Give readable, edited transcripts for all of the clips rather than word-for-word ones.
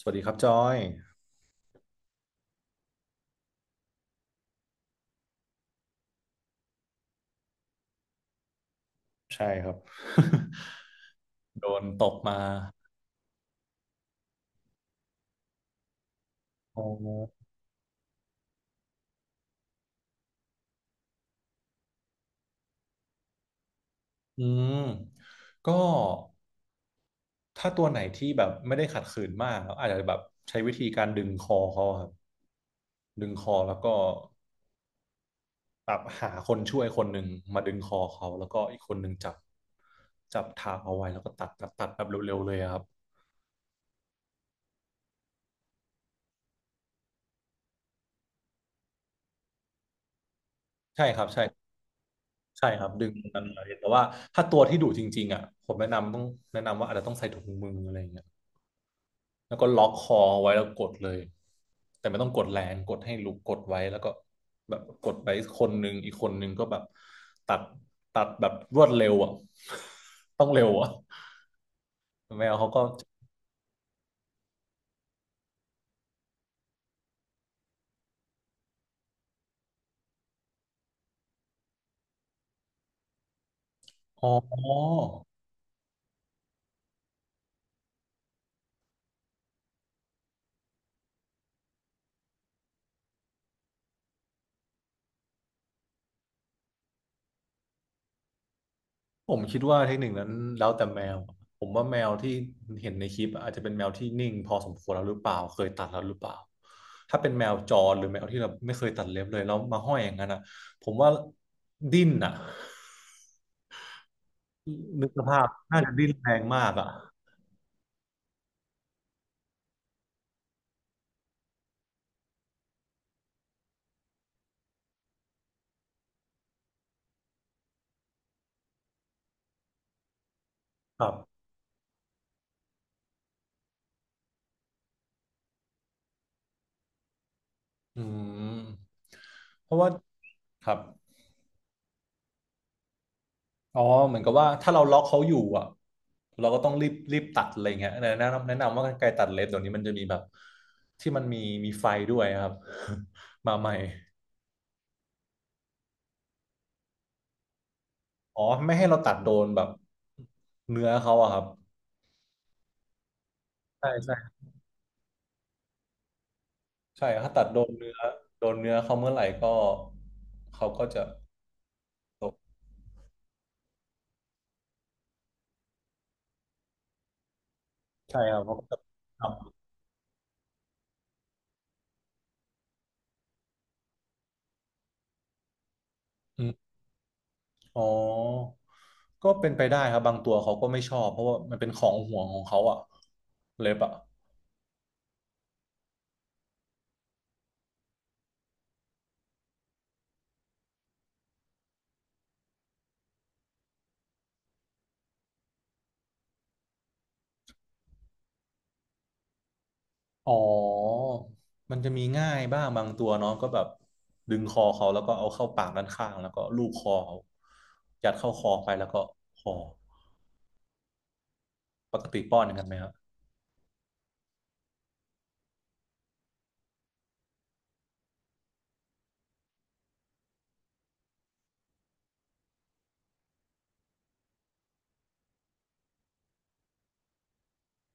สวัสดีครับจอยใช่ครับ โดนตกมาอ๋ออืมก็ถ้าตัวไหนที่แบบไม่ได้ขัดขืนมากอาจจะแบบใช้วิธีการดึงคอเขาอะครับดึงคอแล้วก็แบบหาคนช่วยคนหนึ่งมาดึงคอเขาแล้วก็อีกคนหนึ่งจับจับทางเอาไว้แล้วก็ตัดตัดแบบเร็วๆเลยอะครับใช่ครับใช่ใช่ครับดึงมันเลยแต่ว่าถ้าตัวที่ดุจริงๆอ่ะผมแนะนำต้องแนะนำว่าอาจจะต้องใส่ถุงมืออะไรอย่างเงี้ย แล้วก็ล็อกคอไว้แล้วกดเลยแต่ไม่ต้องกดแรงกดให้ลุกกดไว้แล้วก็แบบกดไปคนหนึ่งอีกคนหนึ่งก็แบบตัดตัดแบบรวดเร็วอ่ะ ต้องเร็วอ่ะแมวเขาก็อ๋อผมคิดว่าเทคนิคนั้นแล้วแต่แมวผมว่าแมวที่เห็นในคลิปอาจจะเป็นแมวที่นิ่งพอสมควรแล้วหรือเปล่าเคยตัดแล้วหรือเปล่าถ้าเป็นแมวจรหรือแมวที่เราไม่เคยตัดเล็บเลยแล้วมาห้อยอย่างนั้นอ่ะผมว่าดิ้นอ่ะ นึกสภาพน่าจะดิ้นแรงมากอ่ะครับอืมเพราะว่าครับอ๋อเหมือนกับว่าถ้าเราล็อกเขาอยู่อ่ะเราก็ต้องรีบตัดอะไรเงี้ยแนะนำว่ากรรไกรตัดเล็บเดี๋ยวนี้มันจะมีแบบที่มันมีมีไฟด้วยครับ มาใหม่อ๋อไม่ให้เราตัดโดนแบบเนื้อเขาอะครับใช่ใช่ถ้าตัดโดนเนื้อโดนเนื้อเขาเมื่อไหร่ก็เขาก็จะตกใช่ครับเพราก็จะครับ อ๋อก็เป็นไปได้ครับบางตัวเขาก็ไม่ชอบเพราะว่ามันเป็นของห่วงของเขาอะเล็บอะอ๋อมันจะมีง่ายบ้างบางตัวเนาะก็แบบดึงคอเขาแล้วก็เอาเข้าปากด้านข้างแล้วก็ลูบคอเขายัดเข้าคอไปแล้วก็คอปกติป้อนอย่างนั้นไหมครับ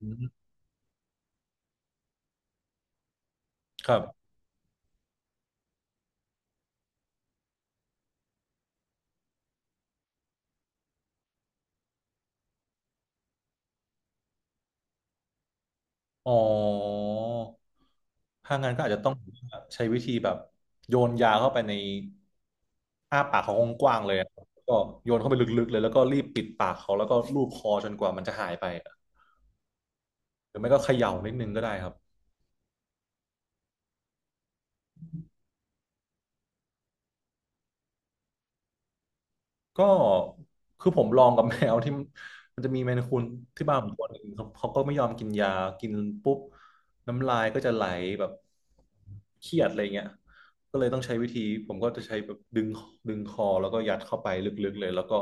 อืมครับ อ๋อถ้างั้นก็อาจจะต้องใช้วิธีแบบโยนยาเข้าไปในอ้าปากเขากว้างๆเลยอะก็โยนเข้าไปลึกๆเลยแล้วก็รีบปิดปากเขาแล้วก็ลูบคอจนกว่ามันจะหายไปอะหรือไม่ก็เขย่านิดนึงก็ได้ครับ ก็คือผมลองกับแมวที่ มันจะมีแมนคูนที่บ้านผมตัวหนึ่งเขาก็ไม่ยอมกินยากินปุ๊บน้ำลายก็จะไหลแบบเครียดอะไรเงี้ยก็เลยต้องใช้วิธีผมก็จะใช้แบบดึงคอแล้วก็ยัดเข้าไปลึกๆเลยแล้วก็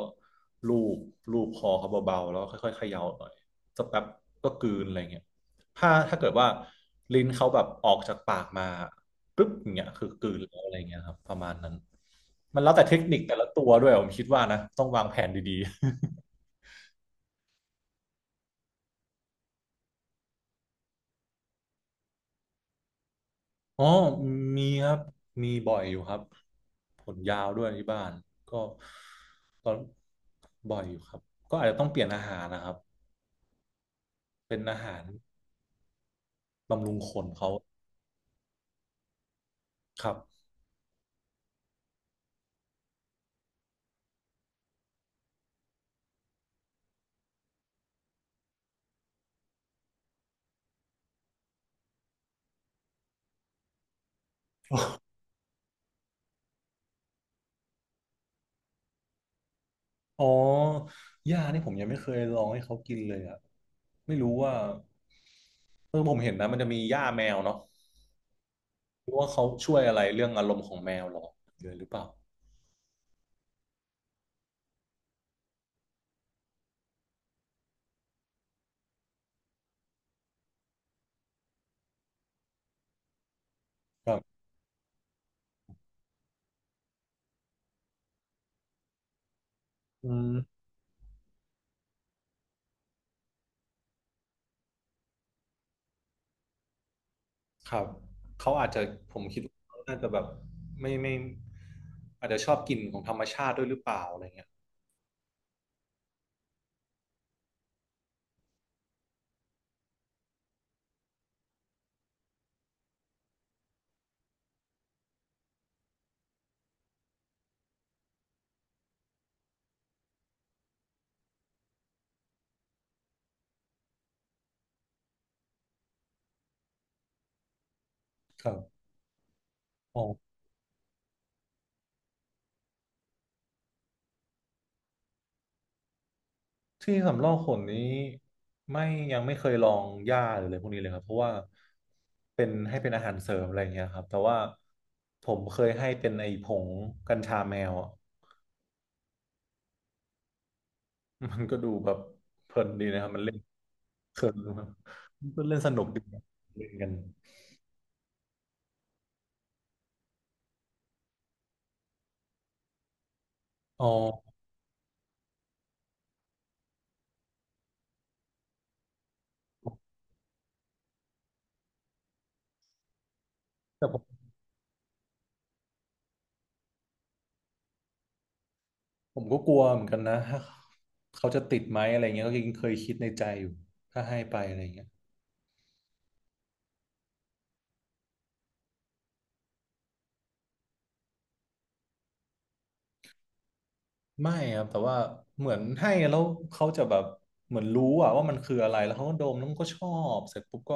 ลูบลูบคอเขาเบาๆแล้วก็ค่อยๆเขย่าหน่อยสักแป๊บก็กลืนอะไรเงี้ยถ้าเกิดว่าลิ้นเขาแบบออกจากปากมา ปึ๊บอย่างเงี้ยคือกลืนแล้วอะไรเงี้ยครับประมาณนั้นมันแล้วแต่เทคนิคแต่ละตัวด้วยผมคิดว่านะต้องวางแผนดีๆ อ๋อมีครับมีบ่อยอยู่ครับผลยาวด้วยที่บ้านก็ก็บ่อยอยู่ครับก็อาจจะต้องเปลี่ยนอาหารนะครับเป็นอาหารบำรุงคนเขาครับอ๋อหญ้านี่ผมยังไม่เคยลองให้เขากินเลยอะไม่รู้ว่าเออผมเห็นนะมันจะมีหญ้าแมวเนาะไม่รู้ว่าเขาช่วยอะไรเรื่องอารมณ์ของแมวหรอเยอะหรือเปล่าเออ อืมครับเขาอาจจะผมคิดว่าเขาน่าจะแบบไม่ไม่อาจจะชอบกลิ่นของธรรมชาติด้วยหรือเปล่าอะไรเงี้ยครับอ๋อที่สำรอกขนนี้ไม่ยังไม่เคยลองหญ้าหรืออะไรพวกนี้เลยครับเพราะว่าเป็นให้เป็นอาหารเสริมอะไรอย่างเงี้ยครับแต่ว่าผมเคยให้เป็นไอ้ผงกัญชาแมวอะ มันก็ดูแบบเพลินดีนะครับมันเล่นเพลินมันก็เล่นสนุกดีนะเล่นกันอ๋อแต่ผม ผมก็กลัวเหมือนกันนะถ้าเขาจะติดไหมอะไรเงี้ยก็ยังเคยคิดในใจอยู่ถ้าให้ไปอะไรเงี้ยไม่ครับแต่ว่าเหมือนให้แล้วเขาจะแบบเหมือนรู้อะว่ามันคืออะไรแล้วเขาก็ดมแล้วมันก็ชอบเสร็จปุ๊บก็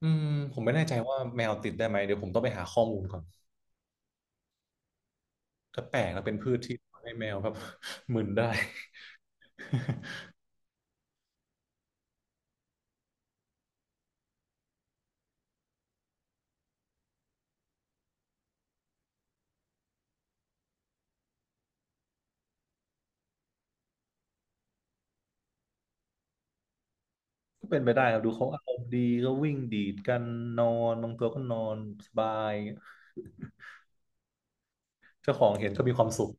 อืมผมไม่แน่ใจว่าแมวติดได้ไหมเดี๋ยวผมต้องไปหาข้อมูลก่อนก็แปลกแล้วเป็นพืชที่ทำให้แมวแบบ มึนได้ ก็เป็นไปได้ครับดูเขาอารมณ์ดีก็วิ่งดีดกันนอนบางตัวก็นอนสบายเจ้าของเห็นก็มีความสุข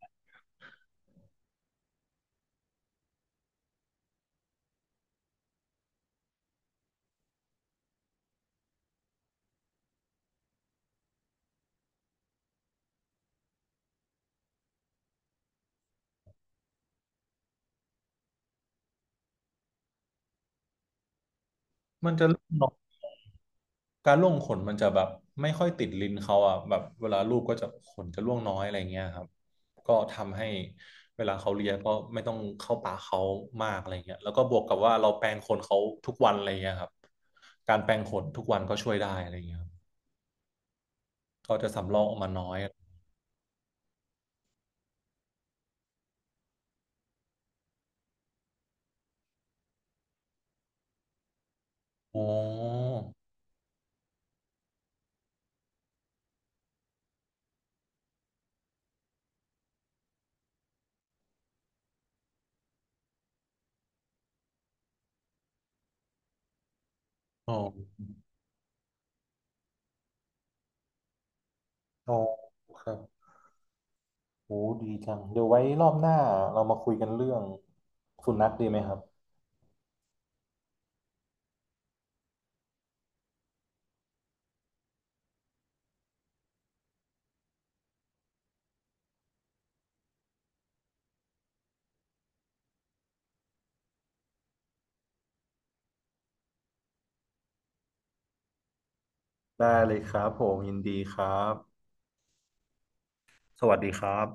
มันจะเริ่มนอน การร่วงขนมันจะแบบไม่ค่อยติดลิ้นเขาอ่ะแบบเวลาลูบก็จะขนจะร่วงน้อยอะไรเงี้ยครับก็ทำให้เวลาเขาเลียก็ไม่ต้องเข้าปากเขามากอะไรเงี้ยแล้วก็บวกกับว่าเราแปรงขนเขาทุกวันอะไรเงี้ยครับการแปรงขนทุกวันก็ช่วยได้อะไรเงี้ยครับเขาจะสำรอกออกมาน้อยอ๋ออ๋ออ๋อครับโอ้ดีจังเดี๋ยวไว้รอบหน้าเรามาคุยกันเรื่องสุนัขดีไหมครับได้เลยครับผมยินดีครับสวัสดีครับ